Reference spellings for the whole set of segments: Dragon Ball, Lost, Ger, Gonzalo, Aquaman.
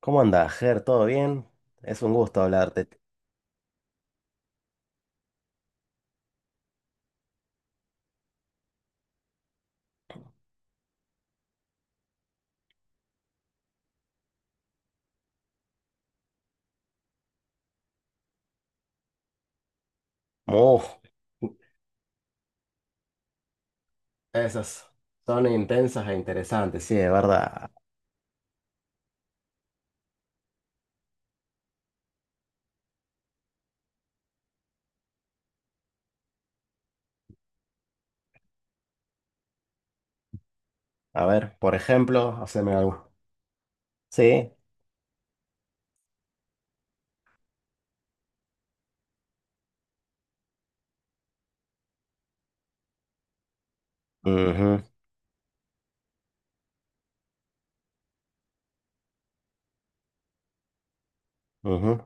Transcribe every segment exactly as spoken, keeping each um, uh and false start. ¿Cómo andás, Ger? ¿Todo bien? Es un gusto hablarte. Uf, esas son intensas e interesantes, sí, de verdad. A ver, por ejemplo, haceme algo. Sí. Ujú, ujú,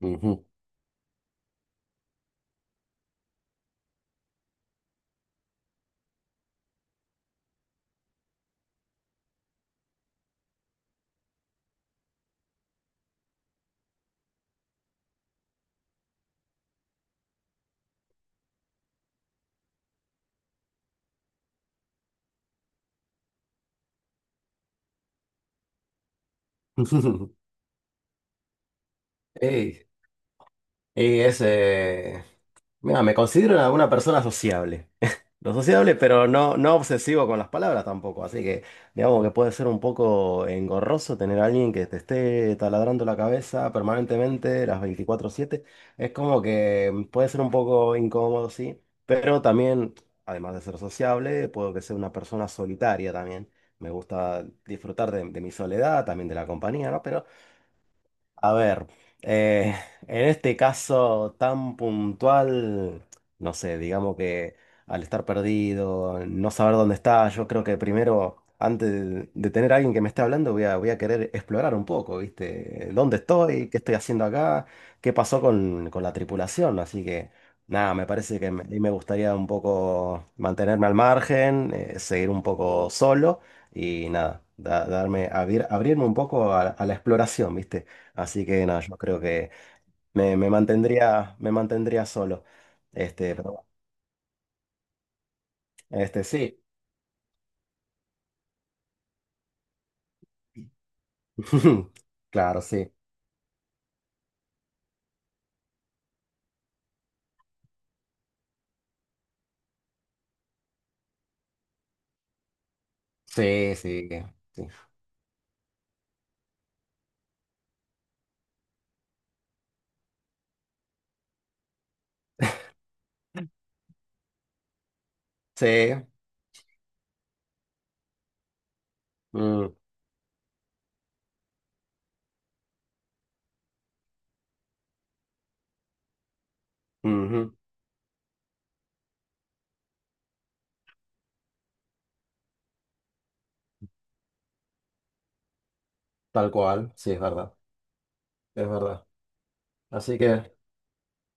ujú. Ey, y ese. Mira, me considero una, una persona sociable. Lo sociable, pero no, no obsesivo con las palabras tampoco. Así que digamos que puede ser un poco engorroso tener a alguien que te esté taladrando la cabeza permanentemente las veinticuatro siete. Es como que mm, puede ser un poco incómodo, sí. Pero también, además de ser sociable, puedo que sea una persona solitaria también. Me gusta disfrutar de, de mi soledad, también de la compañía, ¿no? Pero a ver, eh, en este caso tan puntual, no sé, digamos que al estar perdido, no saber dónde está, yo creo que primero, antes de, de tener a alguien que me esté hablando, voy a, voy a querer explorar un poco, ¿viste? ¿Dónde estoy? ¿Qué estoy haciendo acá? ¿Qué pasó con, con la tripulación? Así que nada, me parece que me, ahí me gustaría un poco mantenerme al margen, eh, seguir un poco solo y nada, da- darme, abrir- abrirme un poco a a la exploración, ¿viste? Así que nada, yo creo que me, me mantendría, me mantendría solo. Este, pero bueno, este, sí. Claro, sí. Sí, sí, sí. Sí. Mm, ujú. Tal cual, sí, es verdad. Es verdad. Así que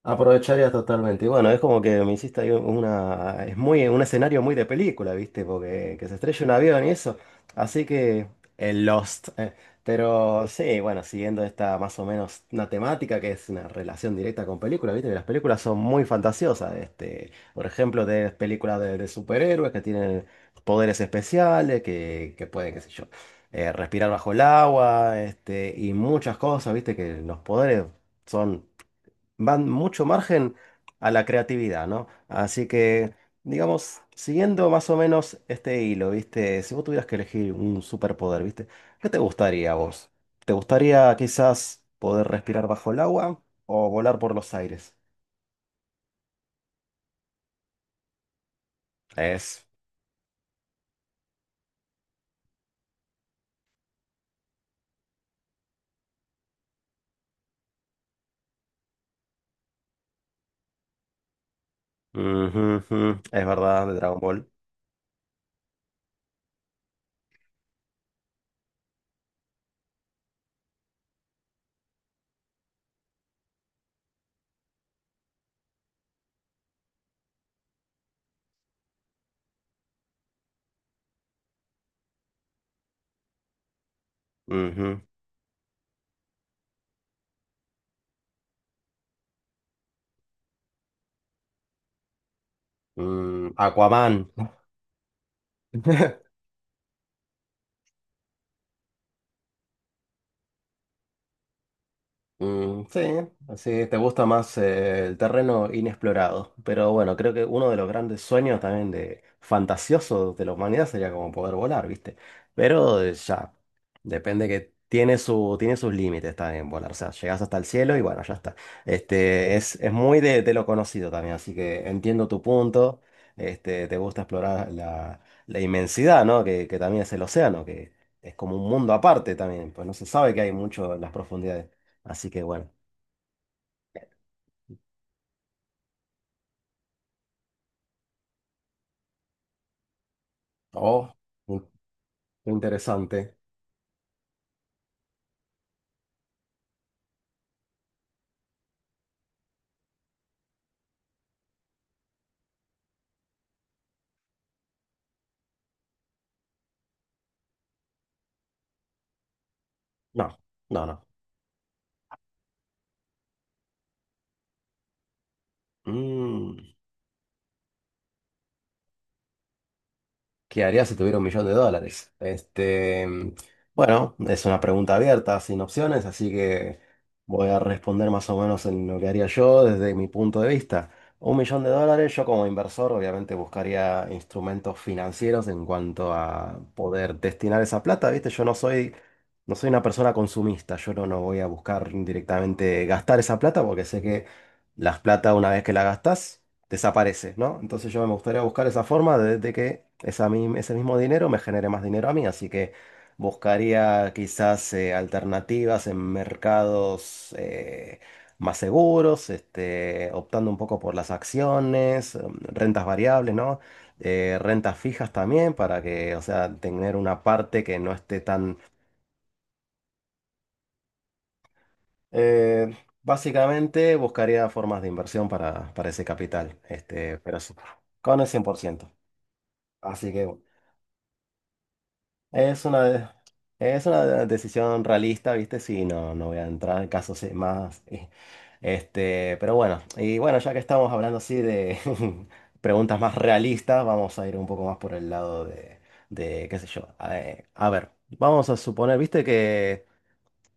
aprovecharía totalmente. Y bueno, es como que me hiciste ahí una. Es muy, un escenario muy de película, ¿viste? Porque que se estrella un avión y eso. Así que el Lost. eh. Pero sí, bueno, siguiendo esta más o menos una temática que es una relación directa con películas, ¿viste? Que las películas son muy fantasiosas. Este, por ejemplo, de películas de, de superhéroes que tienen poderes especiales, que, que pueden, qué sé yo, eh, respirar bajo el agua, este, y muchas cosas, ¿viste? Que los poderes son van mucho margen a la creatividad, ¿no? Así que, digamos, siguiendo más o menos este hilo, ¿viste? Si vos tuvieras que elegir un superpoder, ¿viste? ¿Qué te gustaría a vos? ¿Te gustaría quizás poder respirar bajo el agua o volar por los aires? Es. Ujú, ujú. Es verdad, de Dragon Ball. Ujú. Mm, Aquaman. Mm, sí, así te gusta más eh, el terreno inexplorado. Pero bueno, creo que uno de los grandes sueños también de fantasiosos de la humanidad sería como poder volar, ¿viste? Pero eh, ya, depende que tiene su, tiene sus límites también volar. O sea, llegas hasta el cielo y bueno, ya está. Este, es, es muy de, de lo conocido también, así que entiendo tu punto. Este, te gusta explorar la, la inmensidad, ¿no? Que, que también es el océano, que es como un mundo aparte también. Pues no se sabe que hay mucho en las profundidades. Así que bueno. Oh, in- interesante. No, no, no. Mm. ¿Qué haría si tuviera un millón de dólares? Este, mm, bueno, es una pregunta abierta, sin opciones, así que voy a responder más o menos en lo que haría yo desde mi punto de vista. Un millón de dólares, yo como inversor obviamente buscaría instrumentos financieros en cuanto a poder destinar esa plata, ¿viste? Yo no soy, no soy una persona consumista, yo no, no voy a buscar directamente gastar esa plata porque sé que las plata una vez que la gastas desaparece, ¿no? Entonces yo me gustaría buscar esa forma de, de que esa mi- ese mismo dinero me genere más dinero a mí, así que buscaría quizás eh, alternativas en mercados eh, más seguros, este, optando un poco por las acciones, em, rentas variables, ¿no? Eh, rentas fijas también para que, o sea, tener una parte que no esté tan... eh, Básicamente buscaría formas de inversión para, para ese capital, este, pero sí, con el cien por ciento. Así que bueno. Es una, de- es una de- decisión realista, ¿viste? Sí, no, no voy a entrar en casos eh, más. Eh, Este, pero bueno, y bueno, ya que estamos hablando así de preguntas más realistas, vamos a ir un poco más por el lado de, de qué sé yo. A, eh, a ver, vamos a suponer, ¿viste que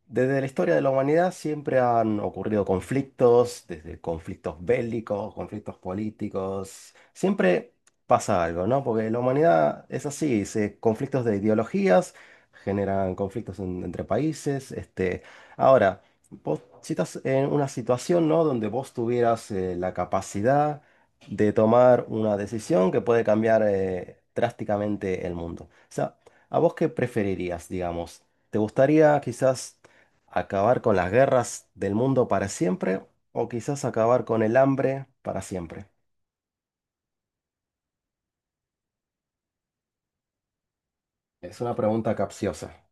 desde la historia de la humanidad siempre han ocurrido conflictos, desde conflictos bélicos, conflictos políticos, siempre pasa algo, ¿no? Porque la humanidad es así, se, conflictos de ideologías generan conflictos en- entre países. Este, ahora, vos si estás en una situación, ¿no? Donde vos tuvieras eh, la capacidad de tomar una decisión que puede cambiar eh, drásticamente el mundo. O sea, ¿a vos qué preferirías, digamos? ¿Te gustaría quizás acabar con las guerras del mundo para siempre o quizás acabar con el hambre para siempre? Es una pregunta capciosa.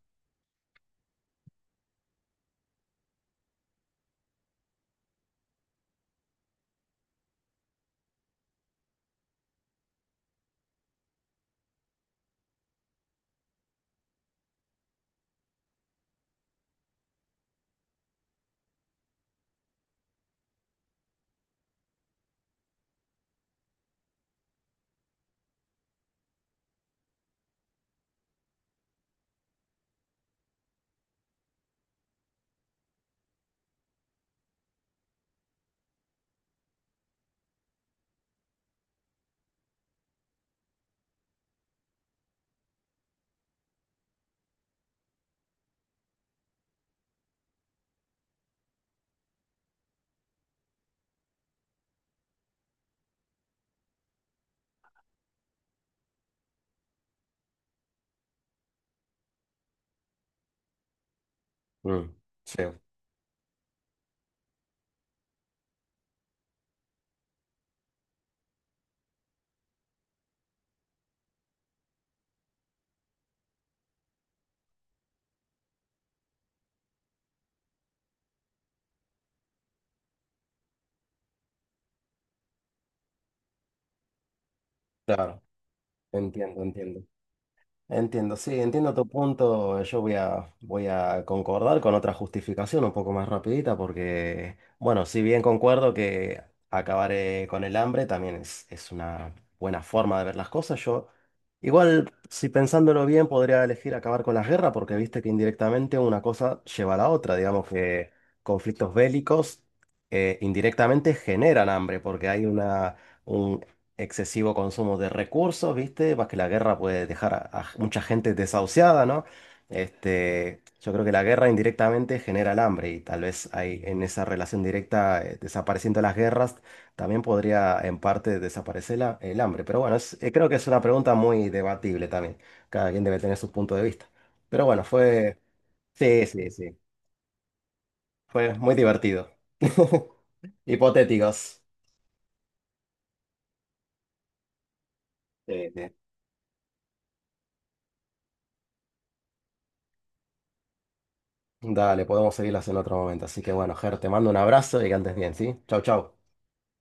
Mm, sí, claro, entiendo, entiendo. Entiendo, sí, entiendo tu punto. Yo voy a, voy a concordar con otra justificación un poco más rapidita porque, bueno, si bien concuerdo que acabar eh, con el hambre también es, es una buena forma de ver las cosas, yo igual, si pensándolo bien, podría elegir acabar con las guerras porque viste que indirectamente una cosa lleva a la otra. Digamos que conflictos bélicos eh, indirectamente generan hambre porque hay una excesivo consumo de recursos, ¿viste? Más que la guerra puede dejar a, a mucha gente desahuciada, ¿no? Este, yo creo que la guerra indirectamente genera el hambre y tal vez hay en esa relación directa, eh, desapareciendo las guerras, también podría en parte desaparecer la- el hambre. Pero bueno, es- eh, creo que es una pregunta muy debatible también. Cada quien debe tener su punto de vista. Pero bueno, fue... Sí, sí, sí. Fue muy divertido. Hipotéticos. Sí, sí. Dale, podemos seguirlas en otro momento. Así que bueno, Ger, te mando un abrazo y que andes bien, ¿sí? Chau, chau.